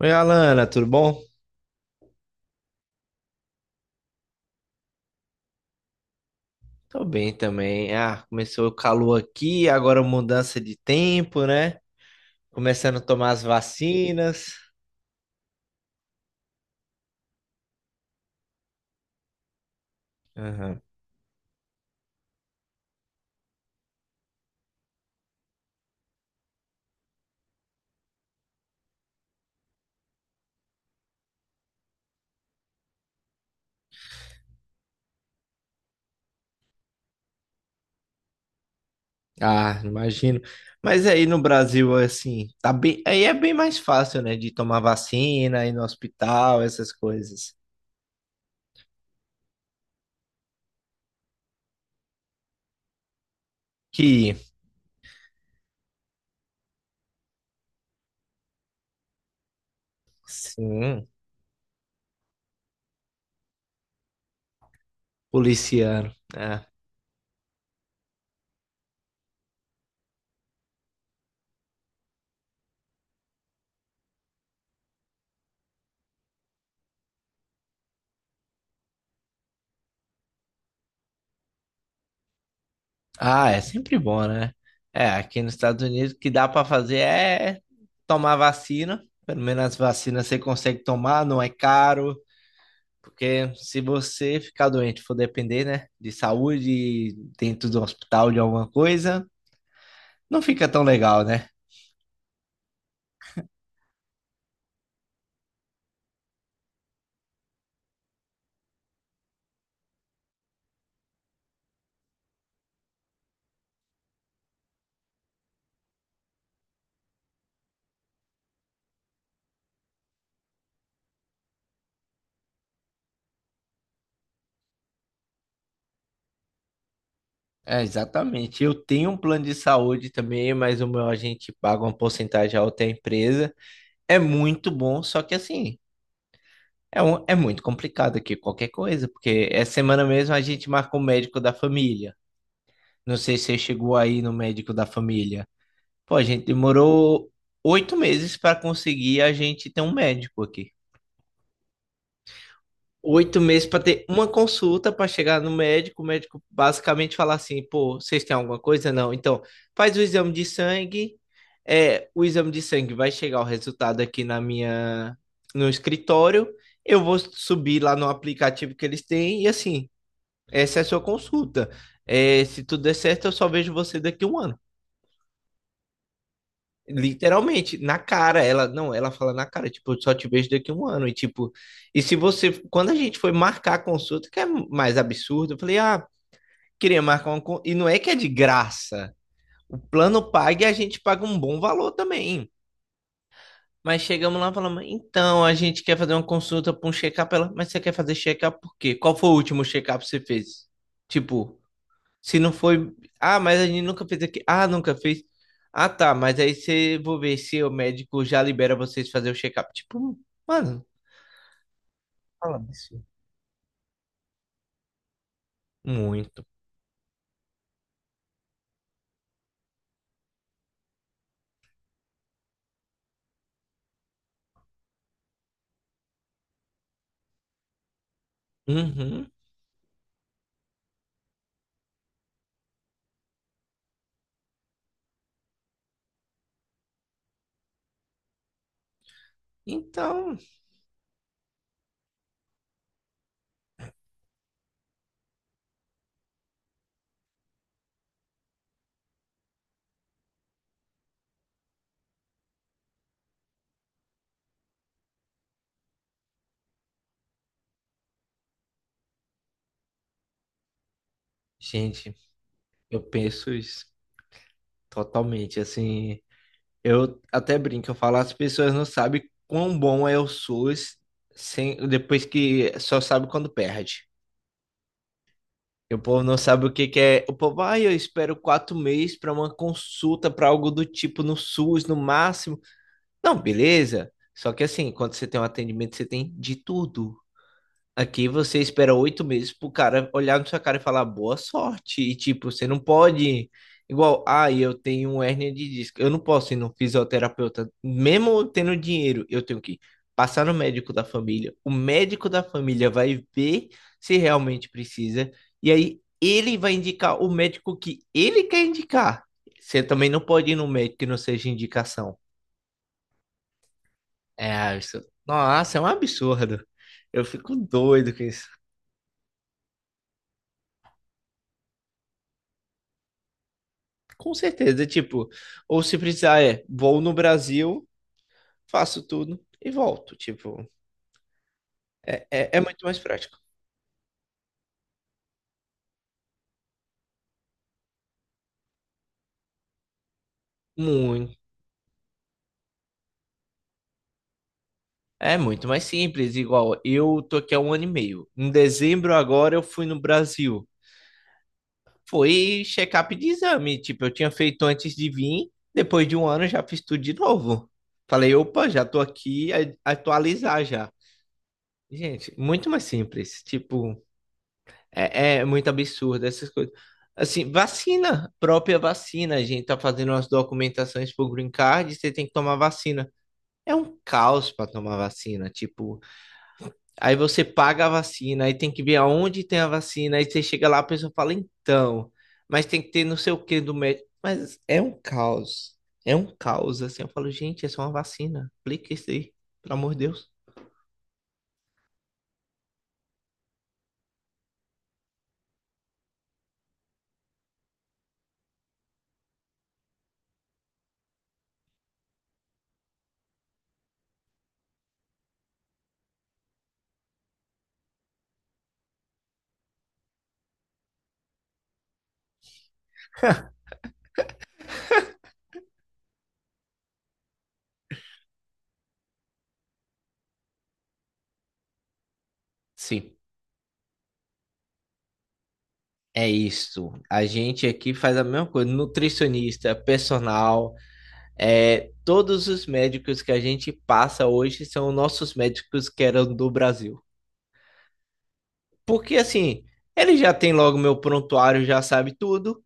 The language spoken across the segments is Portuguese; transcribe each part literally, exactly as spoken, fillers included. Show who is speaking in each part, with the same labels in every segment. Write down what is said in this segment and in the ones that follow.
Speaker 1: Oi, Alana, tudo bom? Tô bem também. Ah, começou o calor aqui, agora mudança de tempo, né? Começando a tomar as vacinas. Aham. Ah, imagino. Mas aí no Brasil, assim, tá bem, aí é bem mais fácil, né, de tomar vacina, ir no hospital, essas coisas. Que, sim, policiano, né? Ah, é sempre bom, né? É, aqui nos Estados Unidos o que dá para fazer é tomar vacina. Pelo menos as vacinas você consegue tomar, não é caro. Porque se você ficar doente, for depender, né, de saúde, dentro do hospital, de alguma coisa, não fica tão legal, né? É, exatamente. Eu tenho um plano de saúde também, mas o meu a gente paga uma porcentagem alta à empresa. É muito bom, só que assim. É, um- é muito complicado aqui qualquer coisa, porque essa semana mesmo a gente marcou o médico da família. Não sei se você chegou aí no médico da família. Pô, a gente demorou oito meses para conseguir a gente ter um médico aqui. Oito meses para ter uma consulta para chegar no médico. O médico basicamente falar assim: pô, vocês têm alguma coisa? Não. Então, faz o exame de sangue. É, o exame de sangue vai chegar o resultado aqui na minha, no escritório. Eu vou subir lá no aplicativo que eles têm e assim. Essa é a sua consulta. É, se tudo der certo, eu só vejo você daqui a um ano. Literalmente, na cara, ela não, ela fala na cara, tipo, eu só te vejo daqui a um ano. E tipo, e se você, quando a gente foi marcar a consulta, que é mais absurdo, eu falei, ah, queria marcar uma con- e não é que é de graça. O plano paga e a gente paga um bom valor também. Mas chegamos lá e falamos, então, a gente quer fazer uma consulta para um check-up, ela, mas você quer fazer check-up por quê? Qual foi o último check-up que você fez? Tipo, se não foi. Ah, mas a gente nunca fez aqui. Ah, nunca fez. Ah, tá. Mas aí você vou ver se o médico já libera vocês fazer o check-up. Tipo, mano, fala isso. Muito. Uhum. Então, gente, eu penso isso totalmente. Assim, eu até brinco, eu falo, as pessoas não sabem quão bom é o SUS sem, depois que só sabe quando perde. E o povo não sabe o que que é. O povo, ai, eu espero quatro meses para uma consulta, para algo do tipo no SUS, no máximo. Não, beleza. Só que assim, quando você tem um atendimento, você tem de tudo. Aqui você espera oito meses pro cara olhar na sua cara e falar boa sorte. E tipo, você não pode. Igual, ah, eu tenho um hérnia de disco. Eu não posso ir no fisioterapeuta. Mesmo eu tendo dinheiro, eu tenho que passar no médico da família. O médico da família vai ver se realmente precisa. E aí ele vai indicar o médico que ele quer indicar. Você também não pode ir no médico que não seja indicação. É, isso... Nossa, é um absurdo. Eu fico doido com isso. Com certeza, tipo, ou se precisar, é, vou no Brasil, faço tudo e volto. Tipo, é, é, é muito mais prático. Muito. É muito mais simples, igual eu tô aqui há um ano e meio. Em dezembro agora eu fui no Brasil. Foi check-up de exame, tipo, eu tinha feito antes de vir, depois de um ano eu já fiz tudo de novo. Falei, opa, já tô aqui, a- atualizar já. Gente, muito mais simples, tipo, é, é muito absurdo essas coisas. Assim, vacina, própria vacina. A gente tá fazendo umas documentações pro Green Card, você tem que tomar vacina. É um caos para tomar vacina, tipo, aí você paga a vacina, aí tem que ver aonde tem a vacina, aí você chega lá, a pessoa fala, então, mas tem que ter não sei o que do médico. Mas é um caos. É um caos, assim. Eu falo, gente, é só uma vacina. Aplica isso aí, pelo amor de Deus. Sim, é isso. A gente aqui faz a mesma coisa. Nutricionista, personal, é, todos os médicos que a gente passa hoje são nossos médicos que eram do Brasil. Porque assim, ele já tem logo meu prontuário, já sabe tudo,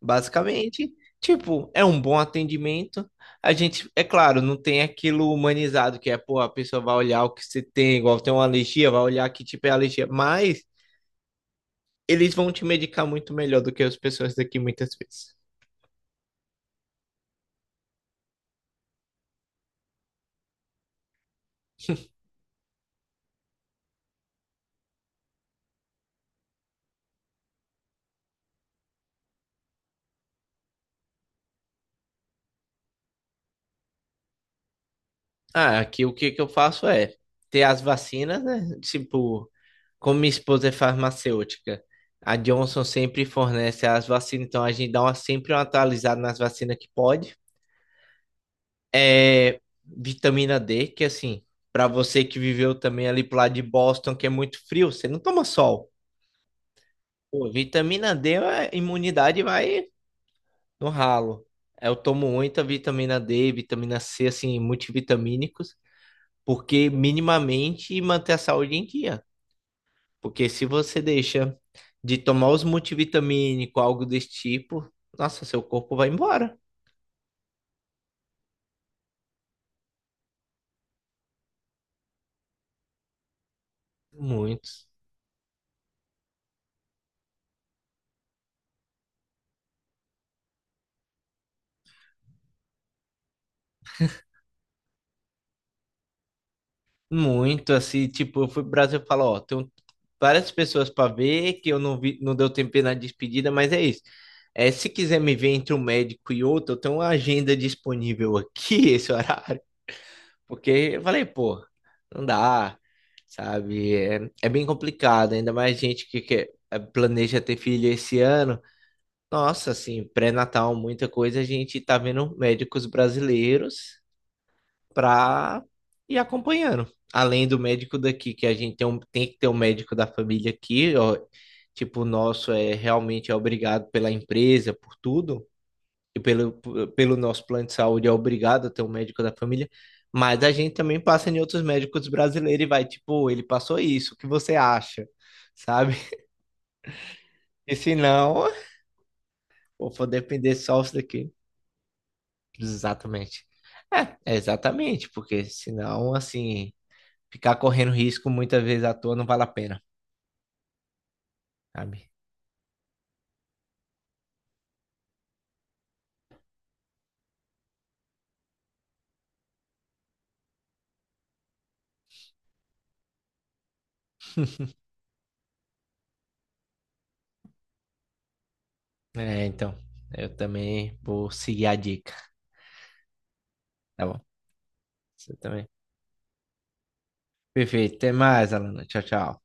Speaker 1: basicamente. Tipo, é um bom atendimento. A gente, é claro, não tem aquilo humanizado que é, pô, a pessoa vai olhar o que você tem, igual tem uma alergia, vai olhar que tipo é alergia, mas eles vão te medicar muito melhor do que as pessoas daqui muitas vezes. Ah, aqui o que que eu faço é ter as vacinas, né? Tipo, como minha esposa é farmacêutica, a Johnson sempre fornece as vacinas, então a gente dá uma, sempre uma atualizada nas vacinas que pode. É, vitamina D, que assim, para você que viveu também ali pro lado de Boston, que é muito frio, você não toma sol. Pô, vitamina D, a imunidade vai no ralo. Eu tomo muita vitamina D, vitamina C, assim, multivitamínicos, porque minimamente manter a saúde em dia. Porque se você deixa de tomar os multivitamínicos, algo desse tipo, nossa, seu corpo vai embora. Muitos. Muito, assim, tipo, eu fui pro Brasil e falo, ó, tenho várias pessoas para ver que eu não vi, não deu tempo na despedida, mas é isso. É, se quiser me ver entre um médico e outro, eu tenho uma agenda disponível aqui, esse horário, porque eu falei, pô, não dá, sabe? É, é bem complicado, ainda mais gente que quer, planeja ter filho esse ano. Nossa, assim, pré-natal, muita coisa, a gente tá vendo médicos brasileiros pra ir acompanhando. Além do médico daqui, que a gente tem, um- tem que ter um médico da família aqui, ó, tipo, o nosso é realmente é obrigado pela empresa, por tudo, e pelo, pelo nosso plano de saúde é obrigado a ter um médico da família, mas a gente também passa em outros médicos brasileiros e vai, tipo, ele passou isso, o que você acha? Sabe? E se não, pô, vou depender só isso daqui. Exatamente. É, é exatamente, porque senão, assim, ficar correndo risco muitas vezes à toa não vale a pena, sabe? É, então, eu também vou seguir a dica, tá bom? Você também. Perfeito, até mais, Alana. Tchau, tchau.